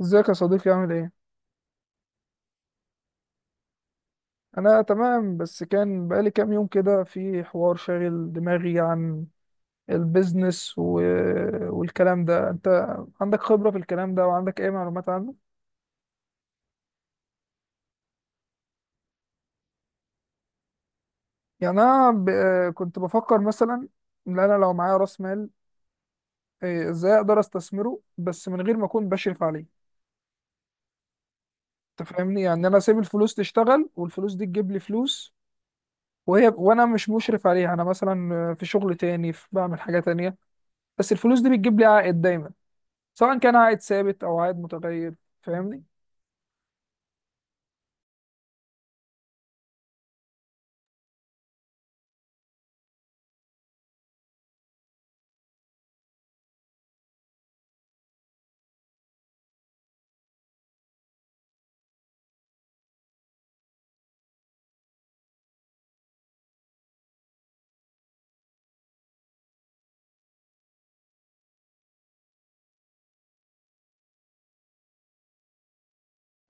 ازيك يا صديقي، عامل ايه؟ انا تمام، بس كان بقالي كام يوم كده في حوار شاغل دماغي عن البيزنس والكلام ده. انت عندك خبرة في الكلام ده وعندك اي معلومات عنه؟ يعني انا ب... كنت بفكر مثلا ان انا لو معايا راس مال، ازاي اقدر استثمره بس من غير ما اكون بشرف عليه. انت فاهمني؟ يعني انا اسيب الفلوس تشتغل، والفلوس دي تجيب لي فلوس وهي وانا مش مشرف عليها. انا مثلا في شغل تاني، في بعمل حاجة تانية، بس الفلوس دي بتجيب لي عائد دايما، سواء كان عائد ثابت او عائد متغير. فاهمني.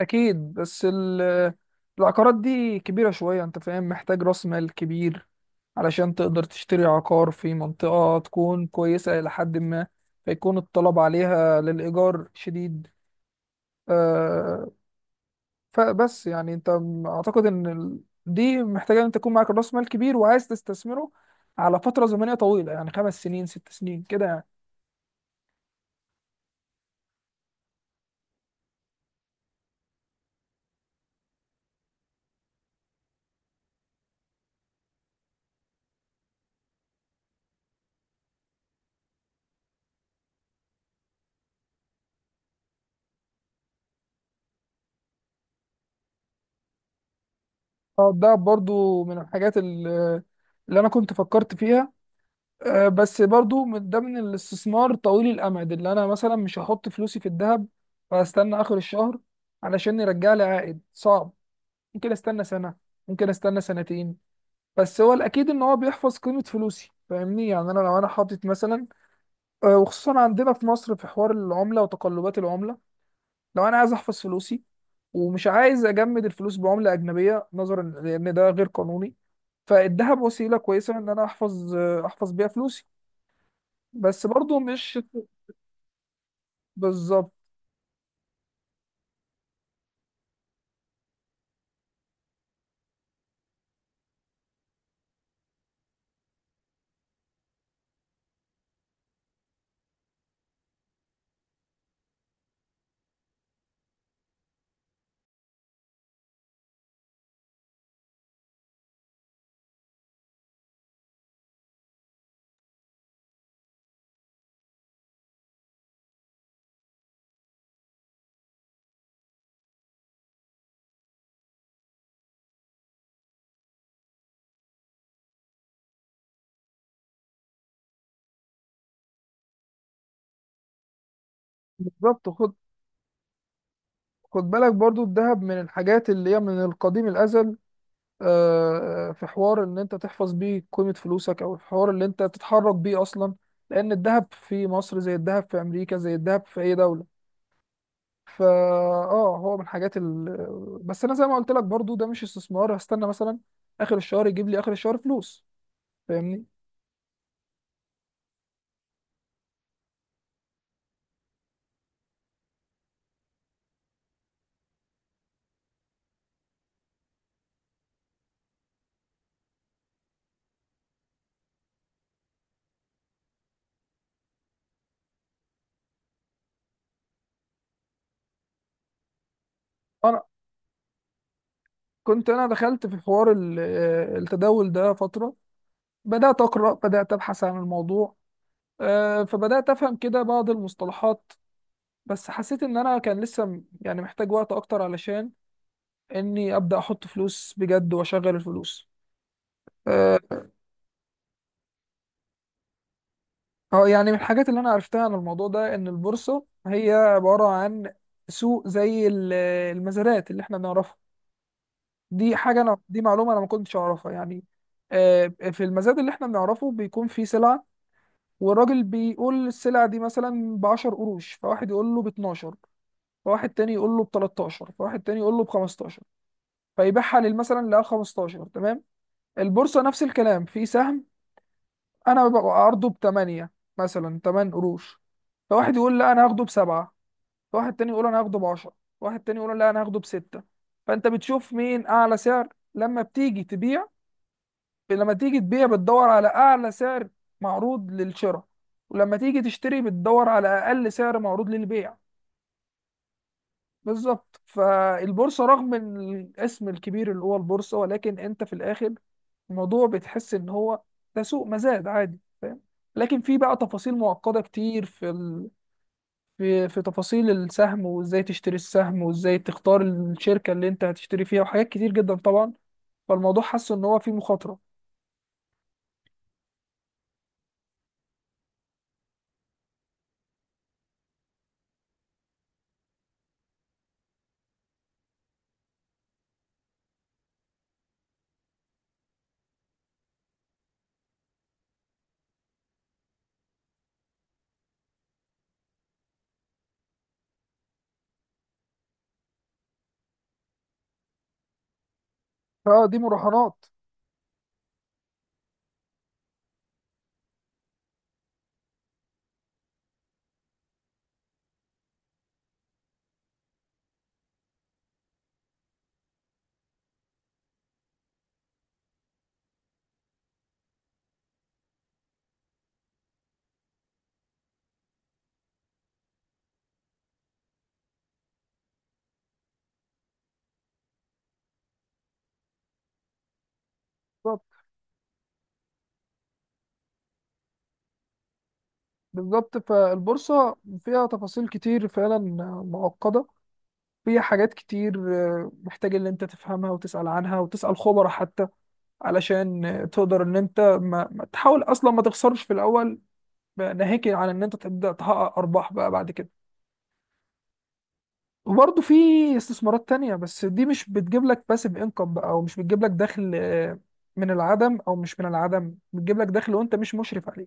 اكيد، بس العقارات دي كبيره شويه، انت فاهم، محتاج راس مال كبير علشان تقدر تشتري عقار في منطقه تكون كويسه الى حد ما، فيكون الطلب عليها للايجار شديد. آه، فبس يعني اعتقد ان دي محتاجه ان انت تكون معاك راس مال كبير وعايز تستثمره على فتره زمنيه طويله، يعني خمس سنين ست سنين كده يعني. اه، ده برضو من اللي انا كنت فكرت فيها. بس برضو من ده، من الاستثمار طويل الامد. اللي انا مثلا مش هحط فلوسي في الذهب واستنى اخر الشهر علشان يرجع لي عائد، صعب. ممكن استنى سنة، ممكن استنى سنتين، بس هو الاكيد ان هو بيحفظ قيمة فلوسي. فاهمني؟ يعني انا لو انا حاطط مثلا، وخصوصا عندنا في مصر في حوار العملة وتقلبات العملة، لو انا عايز احفظ فلوسي ومش عايز اجمد الفلوس بعمله اجنبيه نظرا لان ده غير قانوني، فالذهب وسيله كويسه ان انا احفظ بيها فلوسي. بس برضو مش بالظبط. بالظبط. خد، خد بالك برضو الذهب من الحاجات اللي هي من القديم الازل، في حوار ان انت تحفظ بيه قيمه فلوسك، او الحوار اللي انت تتحرك بيه اصلا، لان الذهب في مصر زي الذهب في امريكا زي الذهب في اي دوله. فا اه، هو من بس انا زي ما قلت لك، برضو ده مش استثمار هستنى مثلا اخر الشهر يجيب لي اخر الشهر فلوس. فاهمني. انا كنت انا دخلت في حوار التداول ده فترة، بدأت اقرأ، بدأت ابحث عن الموضوع. فبدأت افهم كده بعض المصطلحات، بس حسيت ان انا كان لسه يعني محتاج وقت اكتر علشان اني ابدأ احط فلوس بجد واشغل الفلوس. آه، اه يعني من الحاجات اللي انا عرفتها عن الموضوع ده ان البورصه هي عباره عن سوق المزادات اللي احنا بنعرفها. دي حاجه، انا دي معلومه انا ما كنتش اعرفها يعني. آه، في المزاد اللي احنا بنعرفه بيكون فيه سلعه، والراجل بيقول السلعه دي مثلا ب 10 قروش، فواحد يقول له ب 12، فواحد تاني يقول له ب 13، فواحد تاني يقول له ب 15، فيبيعها مثلا ل 15. تمام. البورصه نفس الكلام، في سهم انا ببقى عرضه ب 8، مثلا 8 قروش، فواحد يقول لا انا هاخده بسبعة، واحد تاني يقول انا هاخده ب 10، واحد تاني يقول لا انا هاخده بستة. فانت بتشوف مين اعلى سعر لما بتيجي تبيع. لما تيجي تبيع بتدور على اعلى سعر معروض للشراء، ولما تيجي تشتري بتدور على اقل سعر معروض للبيع. بالظبط. فالبورصة، رغم الاسم الكبير اللي هو البورصة، ولكن انت في الاخر الموضوع بتحس ان هو ده سوق مزاد عادي، فاهم. لكن في بقى تفاصيل معقدة كتير، في تفاصيل السهم، وازاي تشتري السهم، وازاي تختار الشركة اللي انت هتشتري فيها، وحاجات كتير جدا طبعا. فالموضوع حاسس ان هو فيه مخاطرة. فدي مراهنات. بالظبط. بالظبط، فالبورصة فيها تفاصيل كتير فعلا معقدة، فيها حاجات كتير، محتاج ان انت تفهمها وتسأل عنها وتسأل خبراء حتى، علشان تقدر ان انت ما تحاول اصلا ما تخسرش في الاول، ناهيك عن ان انت تبدأ تحقق ارباح بقى بعد كده. وبرضه في استثمارات تانية، بس دي مش بتجيب لك باسيف انكم بقى، او مش بتجيب لك دخل، من العدم، او مش من العدم، بتجيب لك دخل وانت مش مشرف عليه.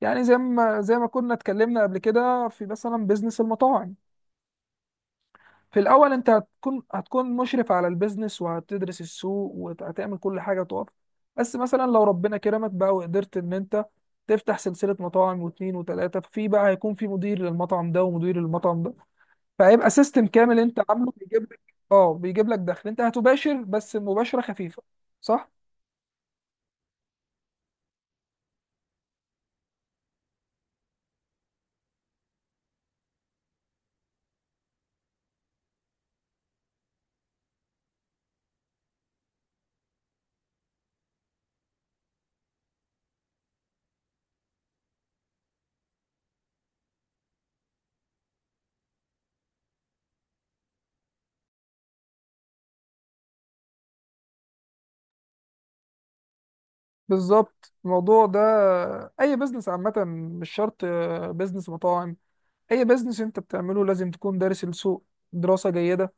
يعني زي ما كنا اتكلمنا قبل كده في مثلا بيزنس المطاعم. في الاول انت هتكون مشرف على البيزنس وهتدرس السوق وهتعمل كل حاجة تقف، بس مثلا لو ربنا كرمك بقى وقدرت ان انت تفتح سلسلة مطاعم واثنين وثلاثة، في بقى هيكون في مدير للمطعم ده ومدير للمطعم ده، فهيبقى سيستم كامل انت عامله بيجيب لك. اه، بيجيب لك دخل، انت هتباشر بس مباشرة خفيفة. صح. بالظبط. الموضوع ده، اي بزنس عامة، مش شرط بزنس مطاعم، اي بزنس انت بتعمله لازم تكون دارس السوق دراسة جيدة،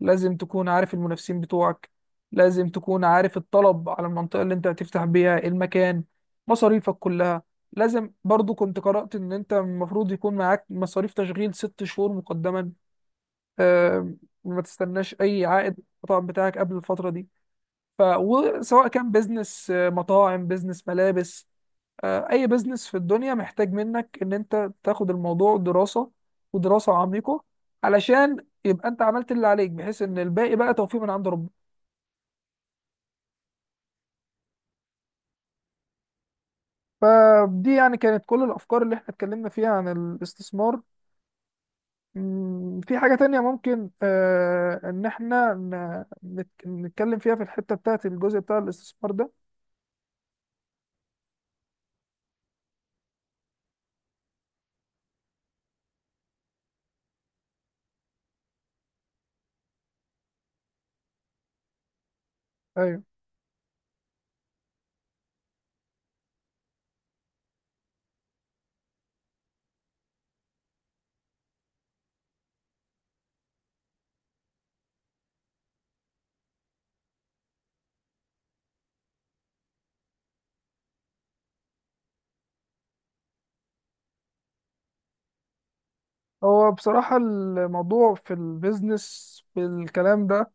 لازم تكون عارف المنافسين بتوعك، لازم تكون عارف الطلب على المنطقة اللي انت هتفتح بيها المكان، مصاريفك كلها. لازم برضو، كنت قرأت ان انت المفروض يكون معاك مصاريف تشغيل ست شهور مقدما، آه، ما تستناش اي عائد من المطعم بتاعك قبل الفتره دي. ف وسواء كان بيزنس مطاعم، بيزنس ملابس، اي بيزنس في الدنيا محتاج منك ان انت تاخد الموضوع دراسه، ودراسه عميقه، علشان يبقى انت عملت اللي عليك، بحيث ان الباقي بقى توفيق من عند ربنا. فدي يعني كانت كل الافكار اللي احنا اتكلمنا فيها عن الاستثمار. في حاجة تانية ممكن إن إحنا نتكلم فيها في الحتة بتاعت الجزء بتاع الاستثمار ده؟ هو بصراحة الموضوع في البيزنس بالكلام ده،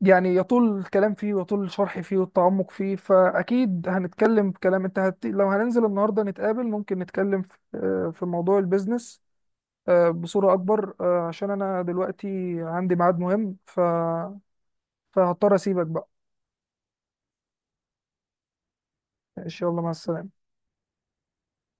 يعني يطول الكلام فيه ويطول الشرح فيه والتعمق فيه، فأكيد هنتكلم بكلام، لو هننزل النهاردة نتقابل ممكن نتكلم في في موضوع البيزنس بصورة أكبر. عشان أنا دلوقتي عندي ميعاد مهم، فهضطر أسيبك بقى. إن شاء الله، مع السلامة.